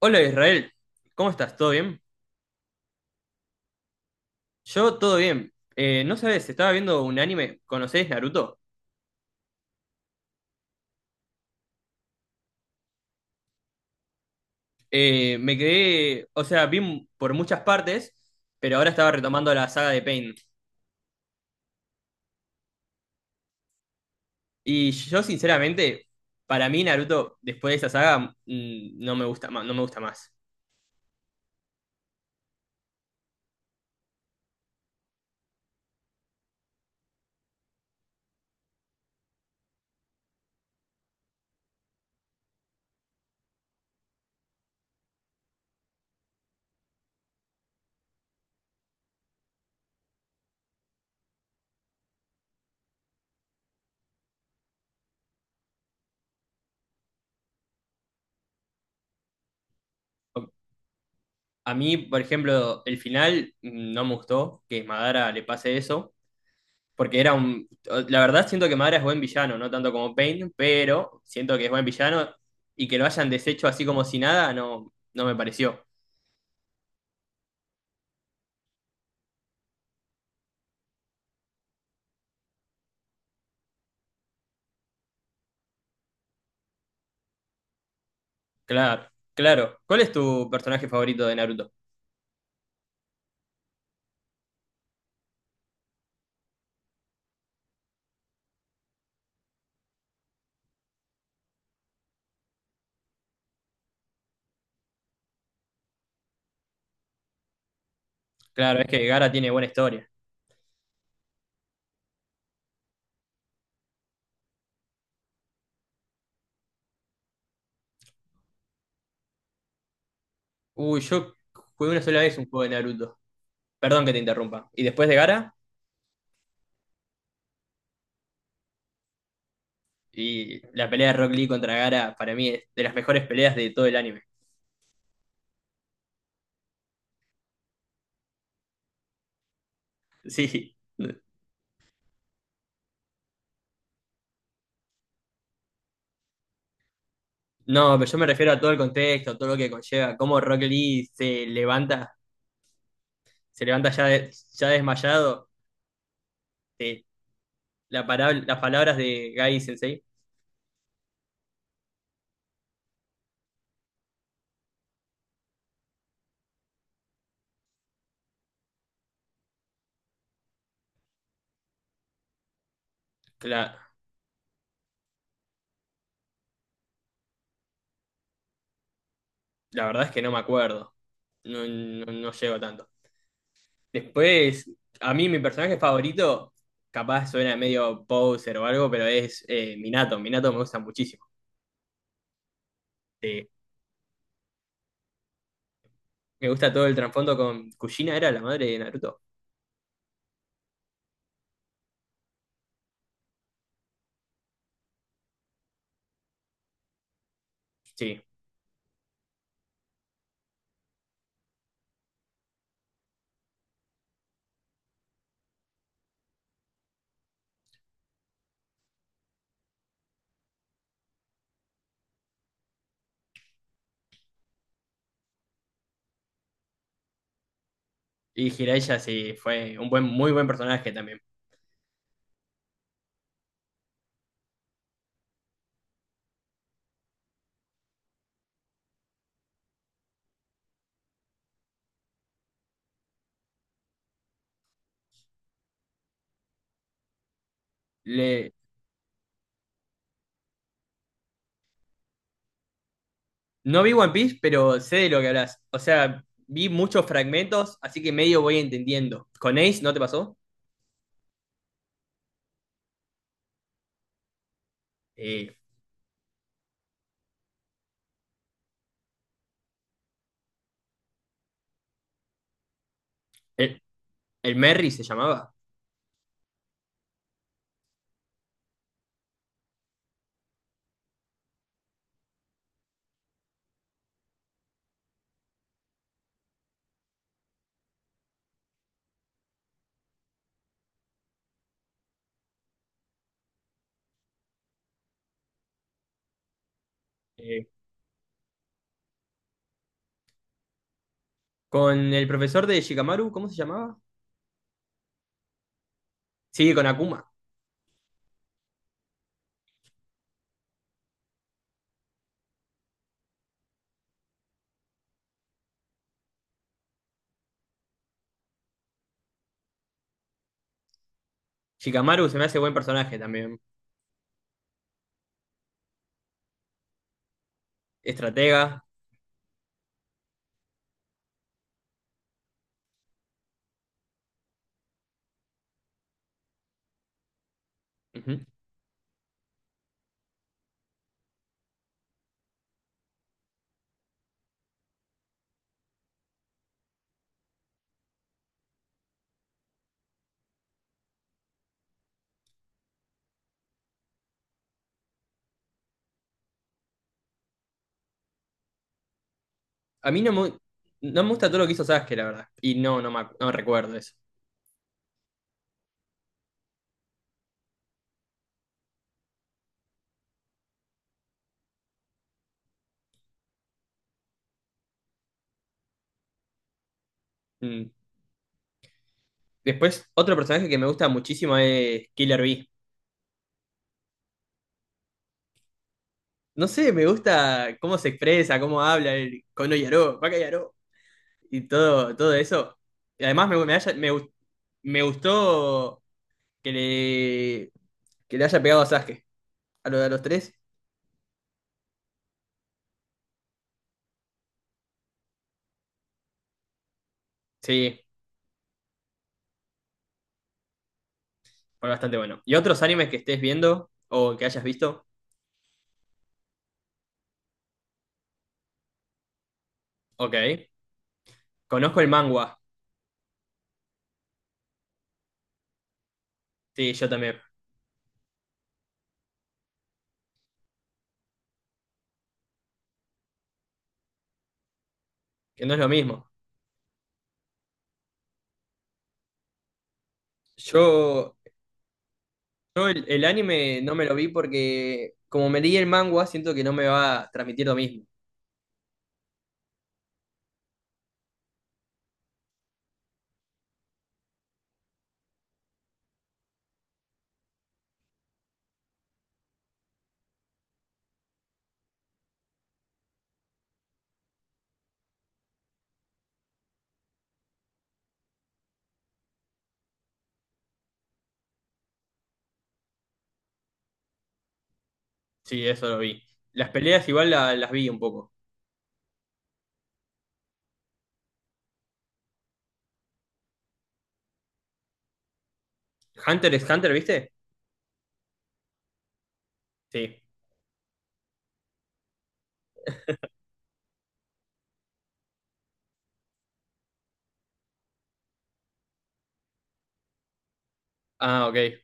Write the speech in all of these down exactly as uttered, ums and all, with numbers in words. Hola Israel, ¿cómo estás? ¿Todo bien? Yo todo bien. Eh, no sabes, estaba viendo un anime, ¿conocés Naruto? Eh, me quedé, o sea, vi m- por muchas partes, pero ahora estaba retomando la saga de Pain. Y yo sinceramente, para mí Naruto, después de esa saga, mm, no me gusta más, no me gusta más. O- A mí, por ejemplo, el final, mm, no me gustó que Madara le pase eso, porque era un... La verdad siento que Madara es buen villano, no tanto como Pain, pero siento que es buen villano y que lo hayan deshecho así como si nada, no, no me pareció. Claro, claro. ¿Cuál es tu personaje favorito de Naruto? Claro, es que Gara tiene buena historia. Uy, yo jugué una sola vez un juego de Naruto. Perdón que te interrumpa. ¿Y después de Gara? Y la pelea de Rock Lee contra Gara para mí es de las mejores peleas de todo el anime. Sí. No, pero yo me refiero a todo el contexto, todo lo que conlleva, cómo Rock Lee se levanta, se levanta ya, de- ya desmayado, eh, la parab- las palabras de Gai Sensei, la, la verdad es que no me acuerdo, no, no, no llego tanto. Después, a mí mi personaje favorito, capaz suena medio poser o algo, pero es eh, Minato, Minato me gusta muchísimo. Eh, Me gusta todo el trasfondo con Kushina, era la madre de Naruto. Sí, y Jiraiya sí, fue un buen, muy buen personaje también. Le, No vi One Piece, pero sé de lo que hablas. O sea, vi muchos fragmentos, así que medio voy entendiendo. ¿Con Ace no te pasó? Eh, el, el Merry se llamaba. Eh, ¿Con el profesor de Shikamaru, cómo se llamaba? Sí, con Akuma. Shikamaru se me hace buen personaje también. Estratega. Ujú. A mí no me, no me gusta todo lo que hizo Sasuke, la verdad. Y no, no, me acu- no recuerdo eso. Mm. Después, otro personaje que me gusta muchísimo es Killer Bee. No sé, me gusta cómo se expresa, cómo habla el Kono Yaro, Baka Yaro, y todo, todo eso. Y además me, me, haya- me gust- me gustó que le, que le haya pegado a Sasuke. A lo de los tres. Sí, fue bastante bueno. ¿Y otros animes que estés viendo o que hayas visto? Ok. Conozco el manga. Sí, yo también. Que no es lo mismo. Yo, yo el, el anime no me lo vi porque como me leí el manga, siento que no me va a transmitir lo mismo. Sí, eso lo vi. Las peleas igual la- las vi un poco. Hunter es Hunter, ¿viste? Sí. Ah, ok. Es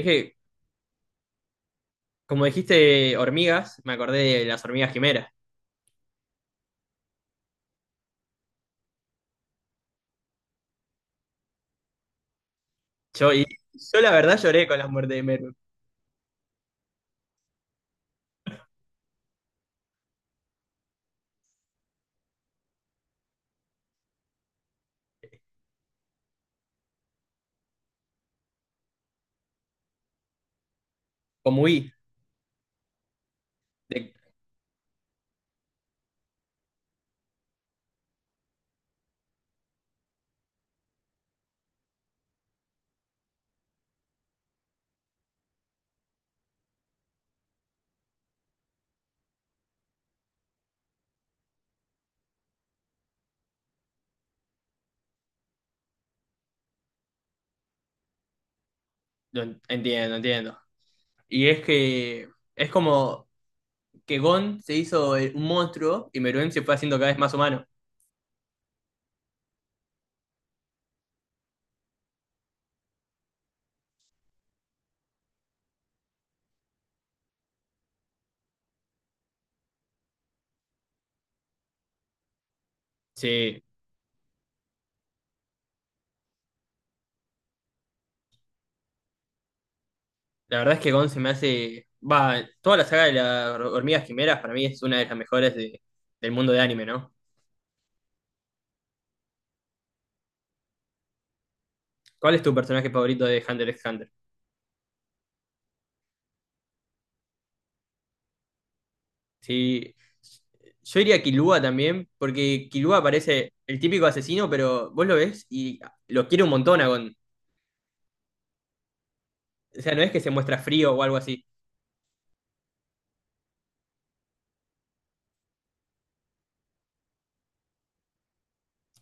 que, como dijiste hormigas, me acordé de las hormigas quimeras. Yo, y yo la verdad lloré con la muerte de Merwin. Como huí. de- lo en- Entiendo, entiendo. Y es que es como que Gon se hizo, eh, un monstruo y Meruem se fue haciendo cada vez más humano. Sí, la verdad es que Gon se me hace... Va, toda la saga de las hormigas quimeras para mí es una de las mejores de- del mundo de anime, ¿no? ¿Cuál es tu personaje favorito de Hunter x Hunter? Sí, yo iría a Killua también, porque Killua parece el típico asesino, pero vos lo ves y lo quiere un montón a Gon. O sea, no es que se muestra frío o algo así,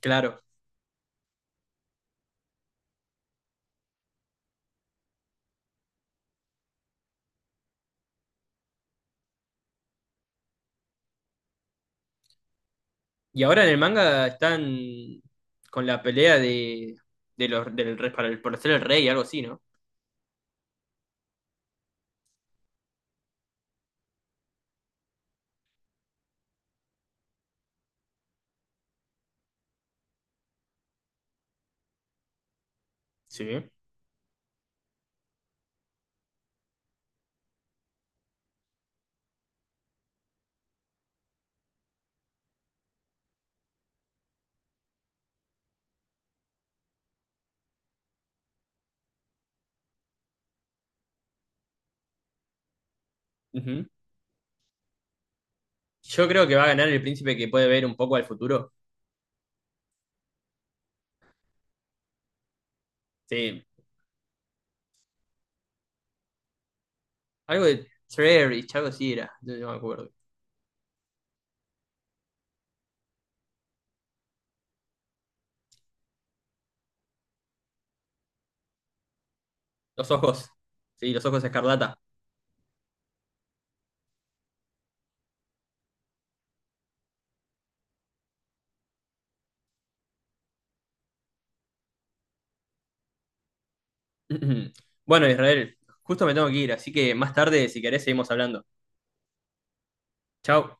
claro. Y ahora en el manga están con la pelea de, de los, del, re- para el- por ser el rey, algo así, ¿no? Sí. Ujú. Yo creo que va a ganar el príncipe que puede ver un poco al futuro. Sí. Algo de Trerich, algo así era, no, no me acuerdo. Los ojos, sí, los ojos escarlata. Bueno, Israel, justo me tengo que ir, así que más tarde, si querés, seguimos hablando. Chao.